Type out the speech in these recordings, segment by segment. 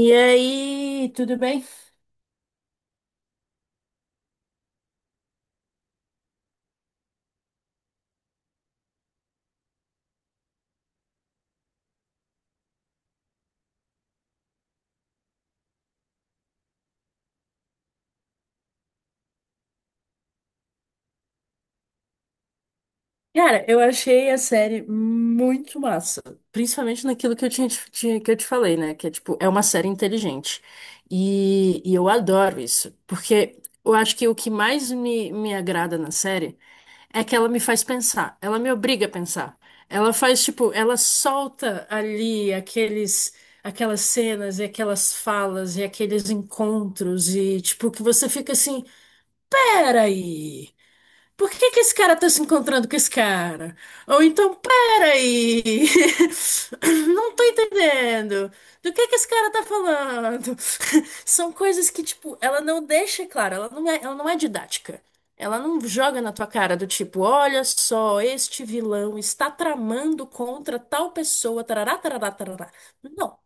E aí, tudo bem? Cara, eu achei a série muito massa, principalmente naquilo que eu tinha, te- tinha- que eu te falei, né? Que é tipo, é uma série inteligente. E eu adoro isso, porque eu acho que o que mais me agrada na série é que ela me faz pensar, ela me obriga a pensar. Ela faz, tipo, ela solta ali aquelas cenas e aquelas falas e aqueles encontros e, tipo, que você fica assim, peraí. Por que que esse cara tá se encontrando com esse cara? Ou então, pera aí. Não tô entendendo. Do que esse cara tá falando? São coisas que, tipo, ela não deixa claro, ela não é didática. Ela não joga na tua cara do tipo, olha só, este vilão está tramando contra tal pessoa, tarará, tarará, tarará. Não,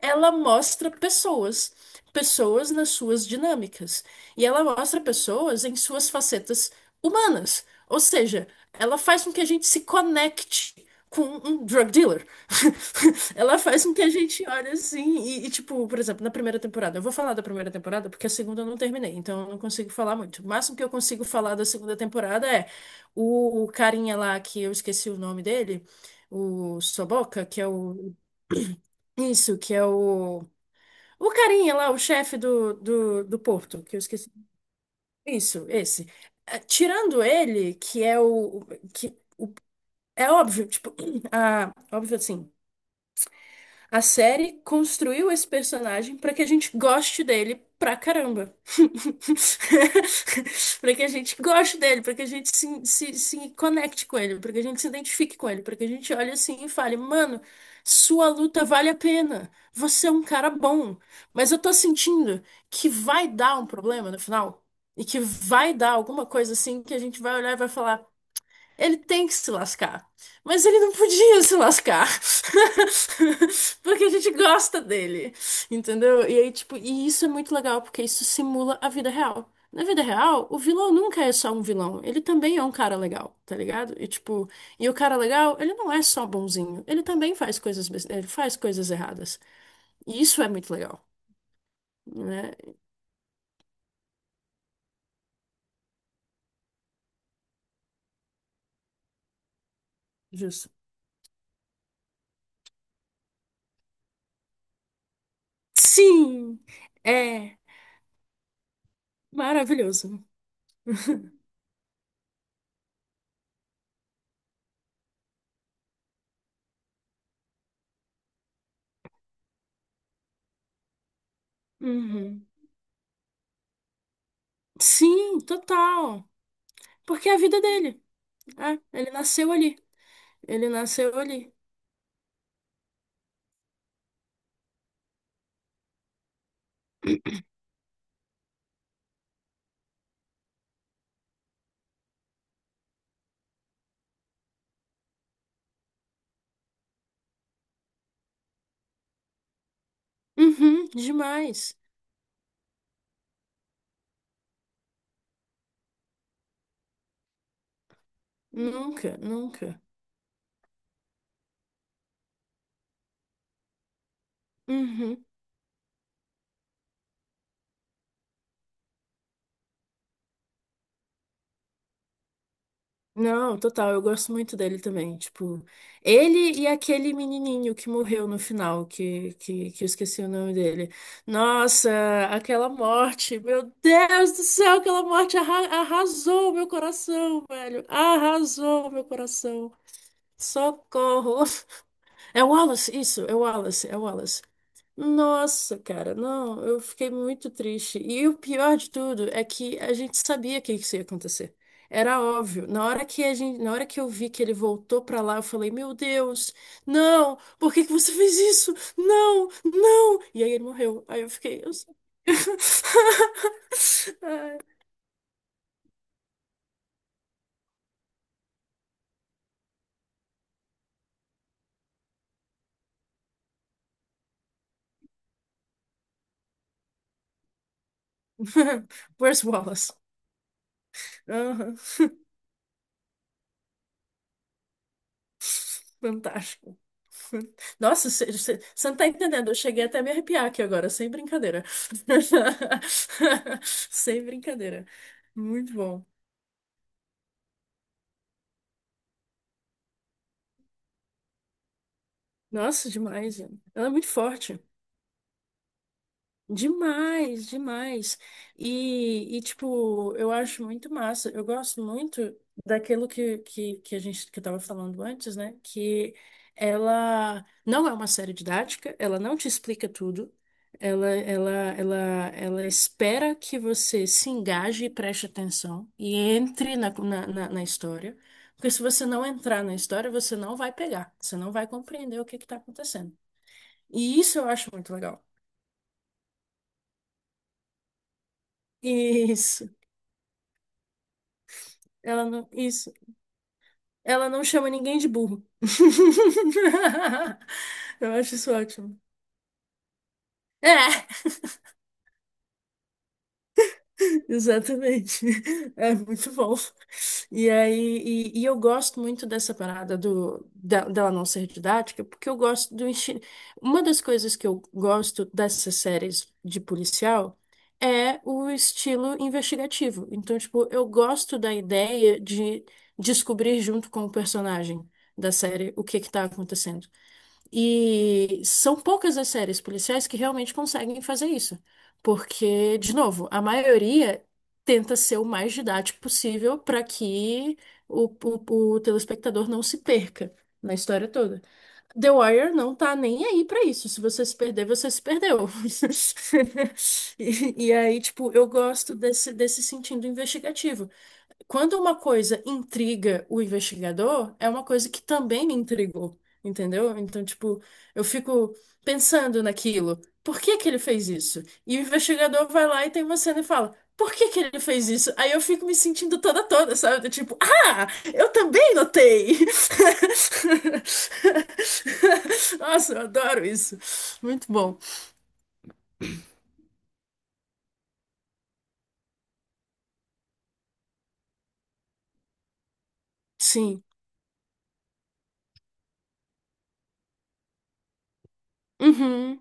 ela mostra pessoas, pessoas nas suas dinâmicas. E ela mostra pessoas em suas facetas humanas. Ou seja, ela faz com que a gente se conecte com um drug dealer. Ela faz com que a gente olhe assim e tipo, por exemplo, na primeira temporada. Eu vou falar da primeira temporada porque a segunda eu não terminei, então eu não consigo falar muito. O máximo que eu consigo falar da segunda temporada é o carinha lá que eu esqueci o nome dele, o Soboca, que é o. Isso, que é o. O carinha lá, o chefe do porto, que eu esqueci. Isso, esse. Tirando ele, que é o. Que é óbvio, tipo, ah, óbvio assim. A série construiu esse personagem pra que a gente goste dele pra caramba. Pra que a gente goste dele, pra que a gente se conecte com ele, pra que a gente se identifique com ele, pra que a gente olhe assim e fale, mano, sua luta vale a pena. Você é um cara bom. Mas eu tô sentindo que vai dar um problema no final. E que vai dar alguma coisa assim que a gente vai olhar e vai falar. Ele tem que se lascar. Mas ele não podia se lascar. Porque a gente gosta dele. Entendeu? E aí, tipo, e isso é muito legal, porque isso simula a vida real. Na vida real, o vilão nunca é só um vilão. Ele também é um cara legal, tá ligado? E tipo, e o cara legal, ele não é só bonzinho. Ele também faz coisas, ele faz coisas erradas. E isso é muito legal, né? Justo. Sim! É maravilhoso. Uhum. Sim, total. Porque é a vida dele. Ah, ele nasceu ali. Ele nasceu ali. Uhum, demais. Nunca, nunca. Uhum. Não, total, eu gosto muito dele também. Tipo, ele e aquele menininho que morreu no final, que eu esqueci o nome dele. Nossa, aquela morte, meu Deus do céu, aquela morte arrasou meu coração, velho. Arrasou meu coração. Socorro. É o Wallace, isso, é o Wallace, é o Wallace. Nossa, cara, não, eu fiquei muito triste. E o pior de tudo é que a gente sabia que isso ia acontecer. Era óbvio. Na hora que eu vi que ele voltou pra lá, eu falei: "Meu Deus, não! Por que que você fez isso? Não, não!" E aí ele morreu. Aí eu fiquei, eu sei. Ai. Where's Wallace? Aham. Fantástico. Nossa, você não tá entendendo. Eu cheguei até a me arrepiar aqui agora, sem brincadeira. Sem brincadeira. Muito bom. Nossa, demais. Gente. Ela é muito forte. Demais, demais. E tipo, eu acho muito massa. Eu gosto muito daquilo que a gente que estava falando antes, né? Que ela não é uma série didática, ela não te explica tudo. Ela, ela, ela, ela espera que você se engaje e preste atenção e entre na na história. Porque se você não entrar na história, você não vai pegar, você não vai compreender o que que está acontecendo. E isso eu acho muito legal. Isso. Ela não, isso. Ela não chama ninguém de burro. Eu acho isso ótimo. É, exatamente. É muito bom. E aí, e eu gosto muito dessa parada dela não ser didática, porque eu gosto do estilo. Uma das coisas que eu gosto dessas séries de policial é o estilo investigativo. Então, tipo, eu gosto da ideia de descobrir junto com o personagem da série o que que tá acontecendo. E são poucas as séries policiais que realmente conseguem fazer isso. Porque, de novo, a maioria tenta ser o mais didático possível para que o telespectador não se perca na história toda. The Wire não tá nem aí para isso. Se você se perder, você se perdeu. E aí, tipo, eu gosto desse sentido investigativo. Quando uma coisa intriga o investigador, é uma coisa que também me intrigou, entendeu? Então, tipo, eu fico pensando naquilo. Por que que ele fez isso? E o investigador vai lá e tem uma cena e fala: Por que que ele fez isso? Aí eu fico me sentindo toda toda, sabe? Do tipo, ah, eu também notei. Nossa, eu adoro isso. Muito bom. Sim. Uhum.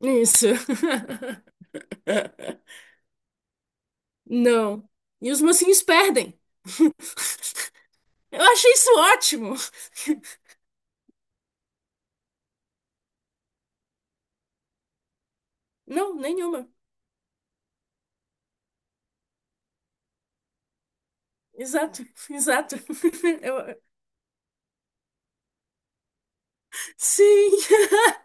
Isso. Não. E os mocinhos perdem. Eu achei isso ótimo. Não, nenhuma. Exato, exato. Eu- Sim!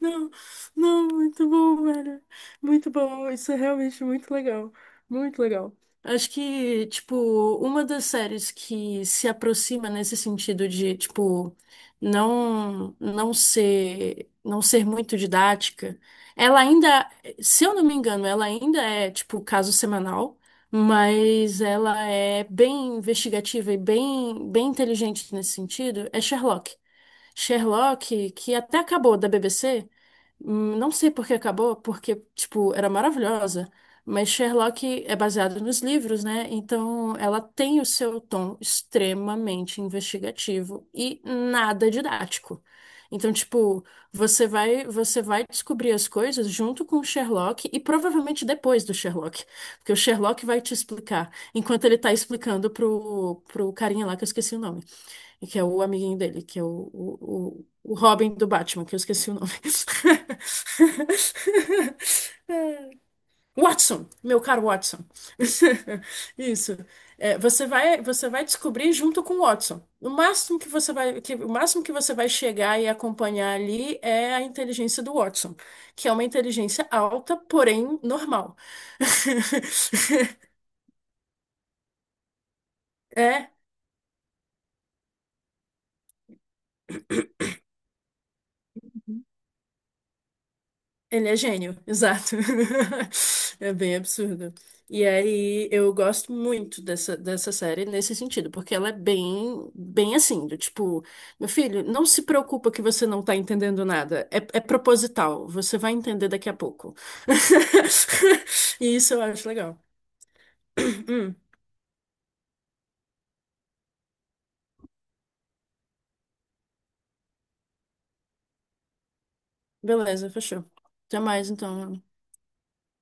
Não, não, muito bom, velho. Muito bom, isso é realmente muito legal. Muito legal. Acho que, tipo, uma das séries que se aproxima nesse sentido de, tipo, não ser muito didática, ela ainda, se eu não me engano, ela ainda é, tipo, caso semanal, mas ela é bem investigativa e bem inteligente nesse sentido, é Sherlock. Sherlock, que até acabou da BBC. Não sei por que acabou, porque, tipo, era maravilhosa. Mas Sherlock é baseado nos livros, né? Então ela tem o seu tom extremamente investigativo e nada didático. Então, tipo, você vai descobrir as coisas junto com o Sherlock e provavelmente depois do Sherlock, porque o Sherlock vai te explicar, enquanto ele tá explicando pro carinha lá que eu esqueci o nome que é o amiguinho dele, que é o, o Robin do Batman, que eu esqueci o nome. Watson, meu caro Watson. Isso. É, você vai descobrir junto com o Watson. O máximo que você vai chegar e acompanhar ali é a inteligência do Watson, que é uma inteligência alta, porém normal. É, ele é gênio, exato. É bem absurdo. E aí eu gosto muito dessa série nesse sentido, porque ela é bem assim, do tipo, meu filho, não se preocupa que você não tá entendendo nada. É, é proposital, você vai entender daqui a pouco. E isso eu acho legal. Hum, beleza, fechou. Até mais então.